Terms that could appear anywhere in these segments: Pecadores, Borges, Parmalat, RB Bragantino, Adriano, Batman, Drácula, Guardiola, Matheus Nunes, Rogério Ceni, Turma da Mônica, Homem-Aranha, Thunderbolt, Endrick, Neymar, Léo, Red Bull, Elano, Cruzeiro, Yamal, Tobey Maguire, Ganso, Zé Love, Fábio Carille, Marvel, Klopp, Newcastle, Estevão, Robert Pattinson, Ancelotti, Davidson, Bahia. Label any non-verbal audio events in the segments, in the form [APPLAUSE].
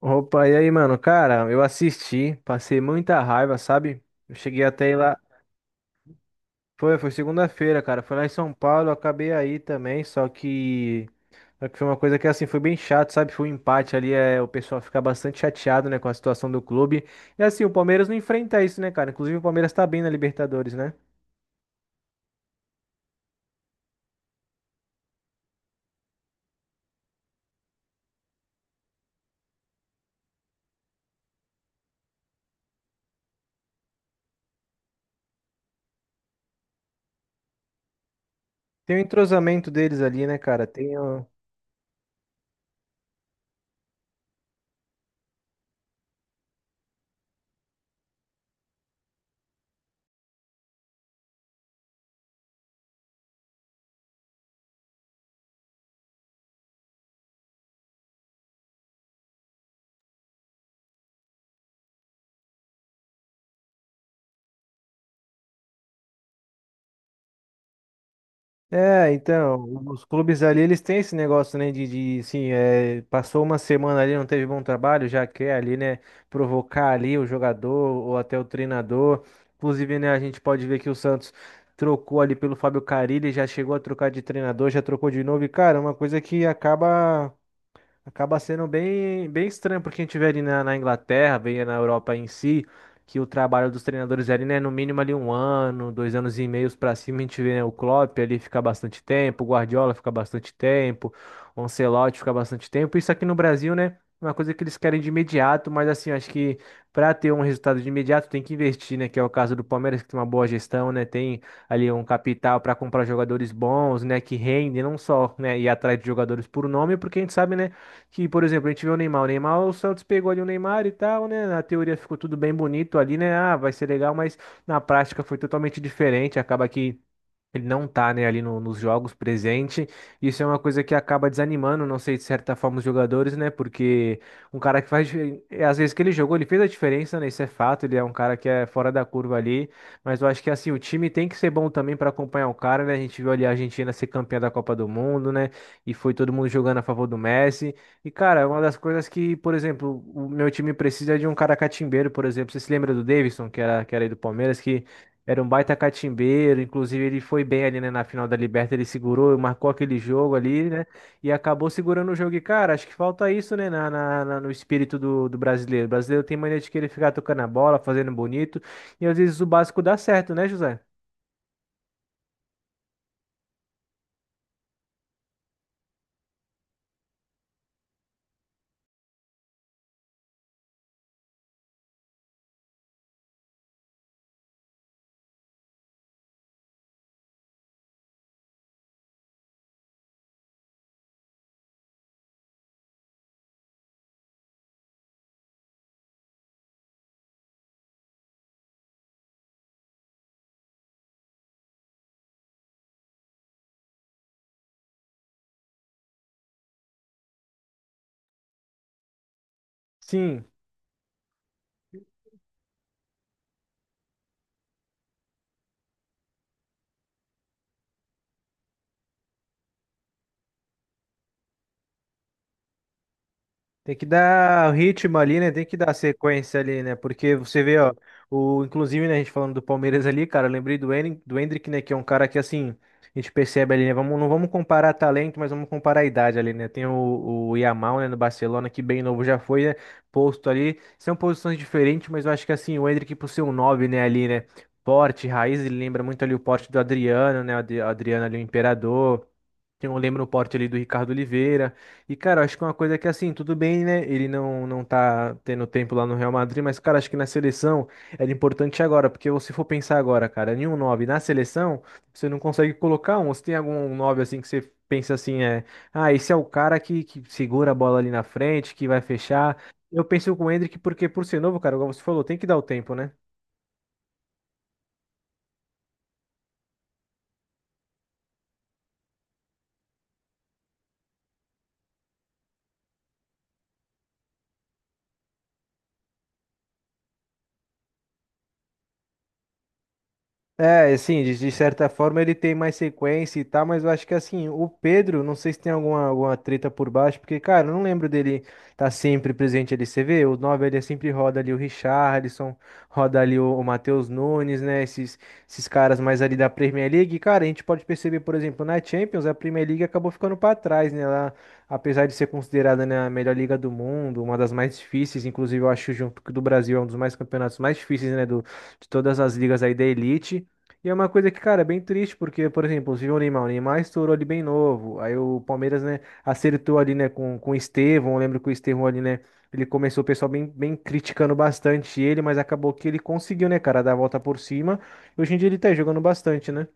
Opa, e aí, mano? Cara, eu assisti, passei muita raiva, sabe? Eu cheguei até ir lá. Foi segunda-feira, cara. Foi lá em São Paulo, eu acabei aí também, só que... Só que foi uma coisa que assim foi bem chato, sabe? Foi um empate ali, o pessoal fica bastante chateado, né, com a situação do clube. E assim, o Palmeiras não enfrenta isso, né, cara? Inclusive o Palmeiras tá bem na Libertadores, né? Tem o entrosamento deles ali, né, cara? Tem o... É, então, os clubes ali, eles têm esse negócio, né, de assim, passou uma semana ali, não teve bom trabalho, já quer ali, né, provocar ali o jogador ou até o treinador. Inclusive, né, a gente pode ver que o Santos trocou ali pelo Fábio Carille, já chegou a trocar de treinador, já trocou de novo, e, cara, é uma coisa que acaba sendo bem, bem estranho porque a gente vê ali na, na Inglaterra, vê na Europa em si, que o trabalho dos treinadores ali, né, no mínimo ali um ano, 2 anos e meios pra cima, a gente vê, né, o Klopp ali ficar bastante tempo, o Guardiola ficar bastante tempo, o Ancelotti ficar bastante tempo. Isso aqui no Brasil, né, é uma coisa que eles querem de imediato, mas assim, eu acho que pra ter um resultado de imediato tem que investir, né, que é o caso do Palmeiras, que tem uma boa gestão, né, tem ali um capital para comprar jogadores bons, né, que rendem, não só, né, ir atrás de jogadores por nome, porque a gente sabe, né, que, por exemplo, a gente vê o Neymar. O Neymar, o Santos pegou ali o Neymar e tal, né? Na teoria ficou tudo bem bonito ali, né? Ah, vai ser legal, mas na prática foi totalmente diferente. Acaba que... Ele não tá, né, ali nos jogos presente. Isso é uma coisa que acaba desanimando, não sei, de certa forma, os jogadores, né? Porque um cara que faz... Às vezes que ele jogou, ele fez a diferença, né? Isso é fato. Ele é um cara que é fora da curva ali. Mas eu acho que, assim, o time tem que ser bom também para acompanhar o cara, né? A gente viu ali a Argentina ser campeã da Copa do Mundo, né? E foi todo mundo jogando a favor do Messi. E, cara, é uma das coisas que, por exemplo, o meu time precisa é de um cara catimbeiro, por exemplo. Você se lembra do Davidson, que era aí do Palmeiras, que... Era um baita catimbeiro, inclusive ele foi bem ali, né, na final da Liberta, ele segurou, marcou aquele jogo ali, né, e acabou segurando o jogo. E, cara, acho que falta isso, né, no espírito do brasileiro. O brasileiro tem mania de querer ficar tocando a bola, fazendo bonito, e às vezes o básico dá certo, né, José? Sim. Tem que dar o ritmo ali, né? Tem que dar sequência ali, né? Porque você vê, ó, inclusive, né, a gente falando do Palmeiras ali, cara, eu lembrei do Endrick, né? Que é um cara que, assim, a gente percebe ali, né? Vamos, não vamos comparar talento, mas vamos comparar a idade ali, né? Tem o Yamal, né, no Barcelona, que bem novo já foi, né? Posto ali. São posições diferentes, mas eu acho que, assim, o Endrick, por ser um 9, né, ali, né? Porte, raiz, ele lembra muito ali o porte do Adriano, né? O Adriano ali, o Imperador. Tem um lembro no porte ali do Ricardo Oliveira. E, cara, acho que é uma coisa que, assim, tudo bem, né? Ele não tá tendo tempo lá no Real Madrid, mas, cara, acho que na seleção era importante agora, porque se for pensar agora, cara, nenhum 9 na seleção, você não consegue colocar um. Você tem algum 9 assim, que você pensa assim, é, ah, esse é o cara que segura a bola ali na frente, que vai fechar. Eu penso com o Endrick, porque por ser novo, cara, igual você falou, tem que dar o tempo, né? É, assim, de certa forma ele tem mais sequência e tal, mas eu acho que assim, o Pedro, não sei se tem alguma treta por baixo, porque, cara, eu não lembro dele tá sempre presente ali. Você vê, o 9 ele sempre roda ali o Richarlison, roda ali o Matheus Nunes, né? Esses caras mais ali da Premier League. E, cara, a gente pode perceber, por exemplo, na Champions, a Premier League acabou ficando pra trás, né? Ela, apesar de ser considerada, né, a melhor liga do mundo, uma das mais difíceis, inclusive eu acho junto que o do Brasil é um dos mais campeonatos mais difíceis, né? Do, de todas as ligas aí da elite. E é uma coisa que, cara, é bem triste, porque, por exemplo, você viu o Neymar estourou ali bem novo, aí o Palmeiras, né, acertou ali, né, com o Estevão, eu lembro que o Estevão ali, né, ele começou o pessoal bem, bem criticando bastante ele, mas acabou que ele conseguiu, né, cara, dar a volta por cima, e hoje em dia ele tá jogando bastante, né?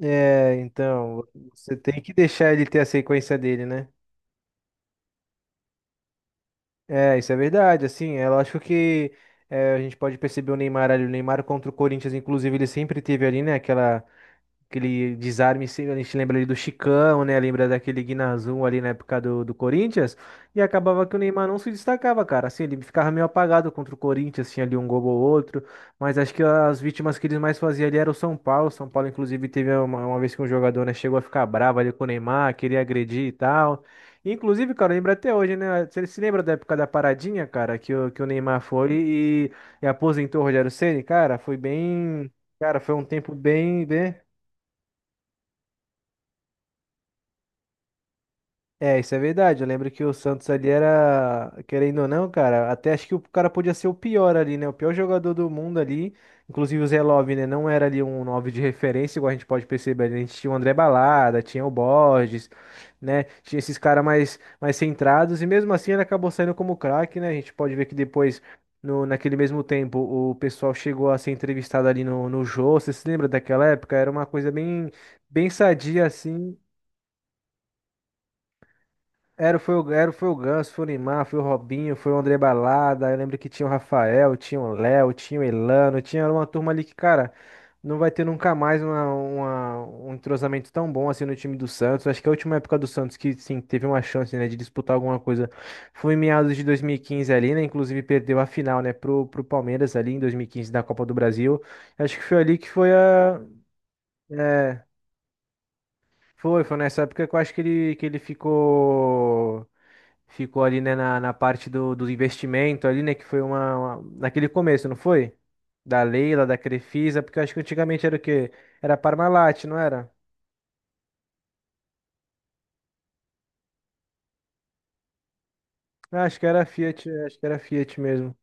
É, então, você tem que deixar ele ter a sequência dele, né? É, isso é verdade, assim, é lógico que é, a gente pode perceber o Neymar ali, o Neymar contra o Corinthians, inclusive, ele sempre teve ali, né, aquela... Aquele desarme, sim, a gente lembra ali do Chicão, né? Lembra daquele Guinazum ali na época do Corinthians. E acabava que o Neymar não se destacava, cara. Assim, ele ficava meio apagado contra o Corinthians, tinha ali um gol ou outro. Mas acho que as vítimas que eles mais faziam ali era o São Paulo. O São Paulo, inclusive, teve uma vez que um jogador, né, chegou a ficar bravo ali com o Neymar, queria agredir e tal. Inclusive, cara, lembra até hoje, né? Você se lembra da época da paradinha, cara, que o Neymar foi e aposentou o Rogério Ceni, cara? Foi bem... Cara, foi um tempo bem, bem... É, isso é verdade. Eu lembro que o Santos ali era, querendo ou não, cara, até acho que o cara podia ser o pior ali, né? O pior jogador do mundo ali. Inclusive o Zé Love, né? Não era ali um 9 de referência, igual a gente pode perceber. A gente tinha o André Balada, tinha o Borges, né? Tinha esses caras mais, mais centrados. E mesmo assim ele acabou saindo como craque, né? A gente pode ver que depois, no, naquele mesmo tempo, o pessoal chegou a ser entrevistado ali no Jô. Você se lembra daquela época? Era uma coisa bem, bem sadia, assim. Foi o Ganso, foi o Neymar, foi o Robinho, foi o André Balada. Eu lembro que tinha o Rafael, tinha o Léo, tinha o Elano, tinha uma turma ali que, cara, não vai ter nunca mais um entrosamento tão bom assim no time do Santos. Acho que a última época do Santos que, sim, teve uma chance, né, de disputar alguma coisa foi em meados de 2015 ali, né? Inclusive perdeu a final, né, pro Palmeiras ali em 2015 da Copa do Brasil. Acho que foi ali que foi a... É, foi, foi nessa época que eu acho que ele ficou. Ficou ali, né, na parte do investimento ali, né, que foi uma- naquele começo, não foi? Da Leila, da Crefisa, porque eu acho que antigamente era o quê? Era Parmalat, não era? Ah, acho que era Fiat, acho que era Fiat mesmo.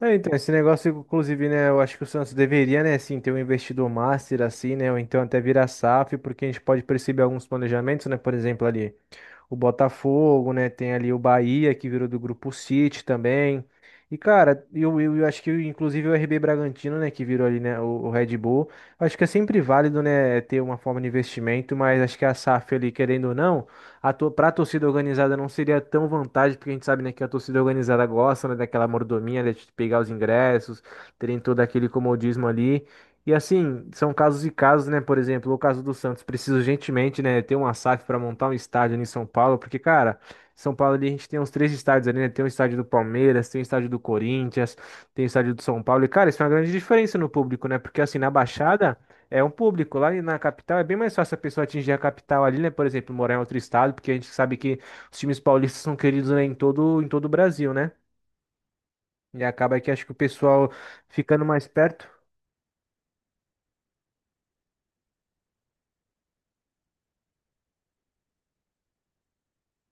É, então, esse negócio, inclusive, né, eu acho que o Santos deveria, né, assim, ter um investidor master, assim, né, ou então até virar SAF, porque a gente pode perceber alguns planejamentos, né, por exemplo, ali. O Botafogo, né? Tem ali o Bahia, que virou do grupo City também. E, cara, eu acho que inclusive o RB Bragantino, né, que virou ali, né, o Red Bull. Eu acho que é sempre válido, né, ter uma forma de investimento, mas acho que a SAF ali, querendo ou não, a to pra torcida organizada não seria tão vantagem, porque a gente sabe, né, que a torcida organizada gosta, né, daquela mordomia, né, de pegar os ingressos, terem todo aquele comodismo ali. E assim, são casos e casos, né? Por exemplo, o caso do Santos precisa urgentemente, né, ter uma SAF para montar um estádio ali em São Paulo, porque, cara, São Paulo ali a gente tem uns três estádios ali, né? Tem o estádio do Palmeiras, tem o estádio do Corinthians, tem o estádio do São Paulo. E, cara, isso é uma grande diferença no público, né? Porque assim, na Baixada é um público, lá na capital é bem mais fácil a pessoa atingir a capital ali, né? Por exemplo, morar em outro estado, porque a gente sabe que os times paulistas são queridos, né, em todo o Brasil, né? E acaba que acho que o pessoal ficando mais perto.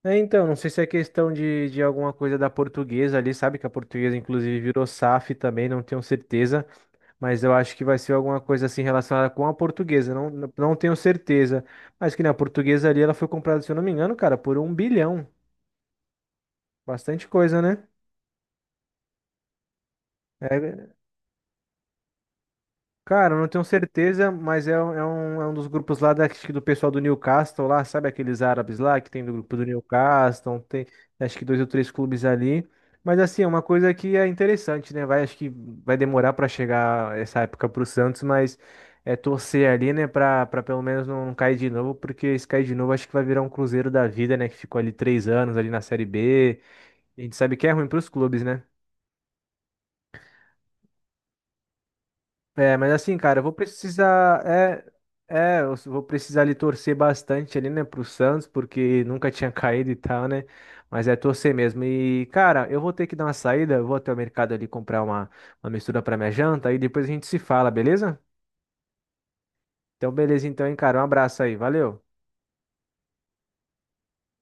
É, então, não sei se é questão de alguma coisa da portuguesa ali, sabe? Que a portuguesa, inclusive, virou SAF também, não tenho certeza, mas eu acho que vai ser alguma coisa assim relacionada com a portuguesa, não tenho certeza. Mas que na portuguesa ali ela foi comprada, se eu não me engano, cara, por um bilhão. Bastante coisa, né? É, cara, eu não tenho certeza, mas é, um, é um dos grupos lá da, acho que do pessoal do Newcastle lá, sabe aqueles árabes lá que tem do grupo do Newcastle, tem acho que dois ou três clubes ali. Mas assim, é uma coisa que é interessante, né? Vai, acho que vai demorar para chegar essa época pro Santos, mas é torcer ali, né, para pelo menos não, não cair de novo, porque se cair de novo acho que vai virar um Cruzeiro da vida, né, que ficou ali 3 anos ali na Série B. A gente sabe que é ruim pros clubes, né? É, mas assim, cara, eu vou precisar. Eu vou precisar ali torcer bastante ali, né, pro Santos, porque nunca tinha [LAUGHS] caído e tal, né? Mas é torcer mesmo. E, cara, eu vou ter que dar uma saída, eu vou até o mercado ali comprar uma mistura pra minha janta e depois a gente se fala, beleza? Então, beleza, então, hein, cara. Um abraço aí, valeu.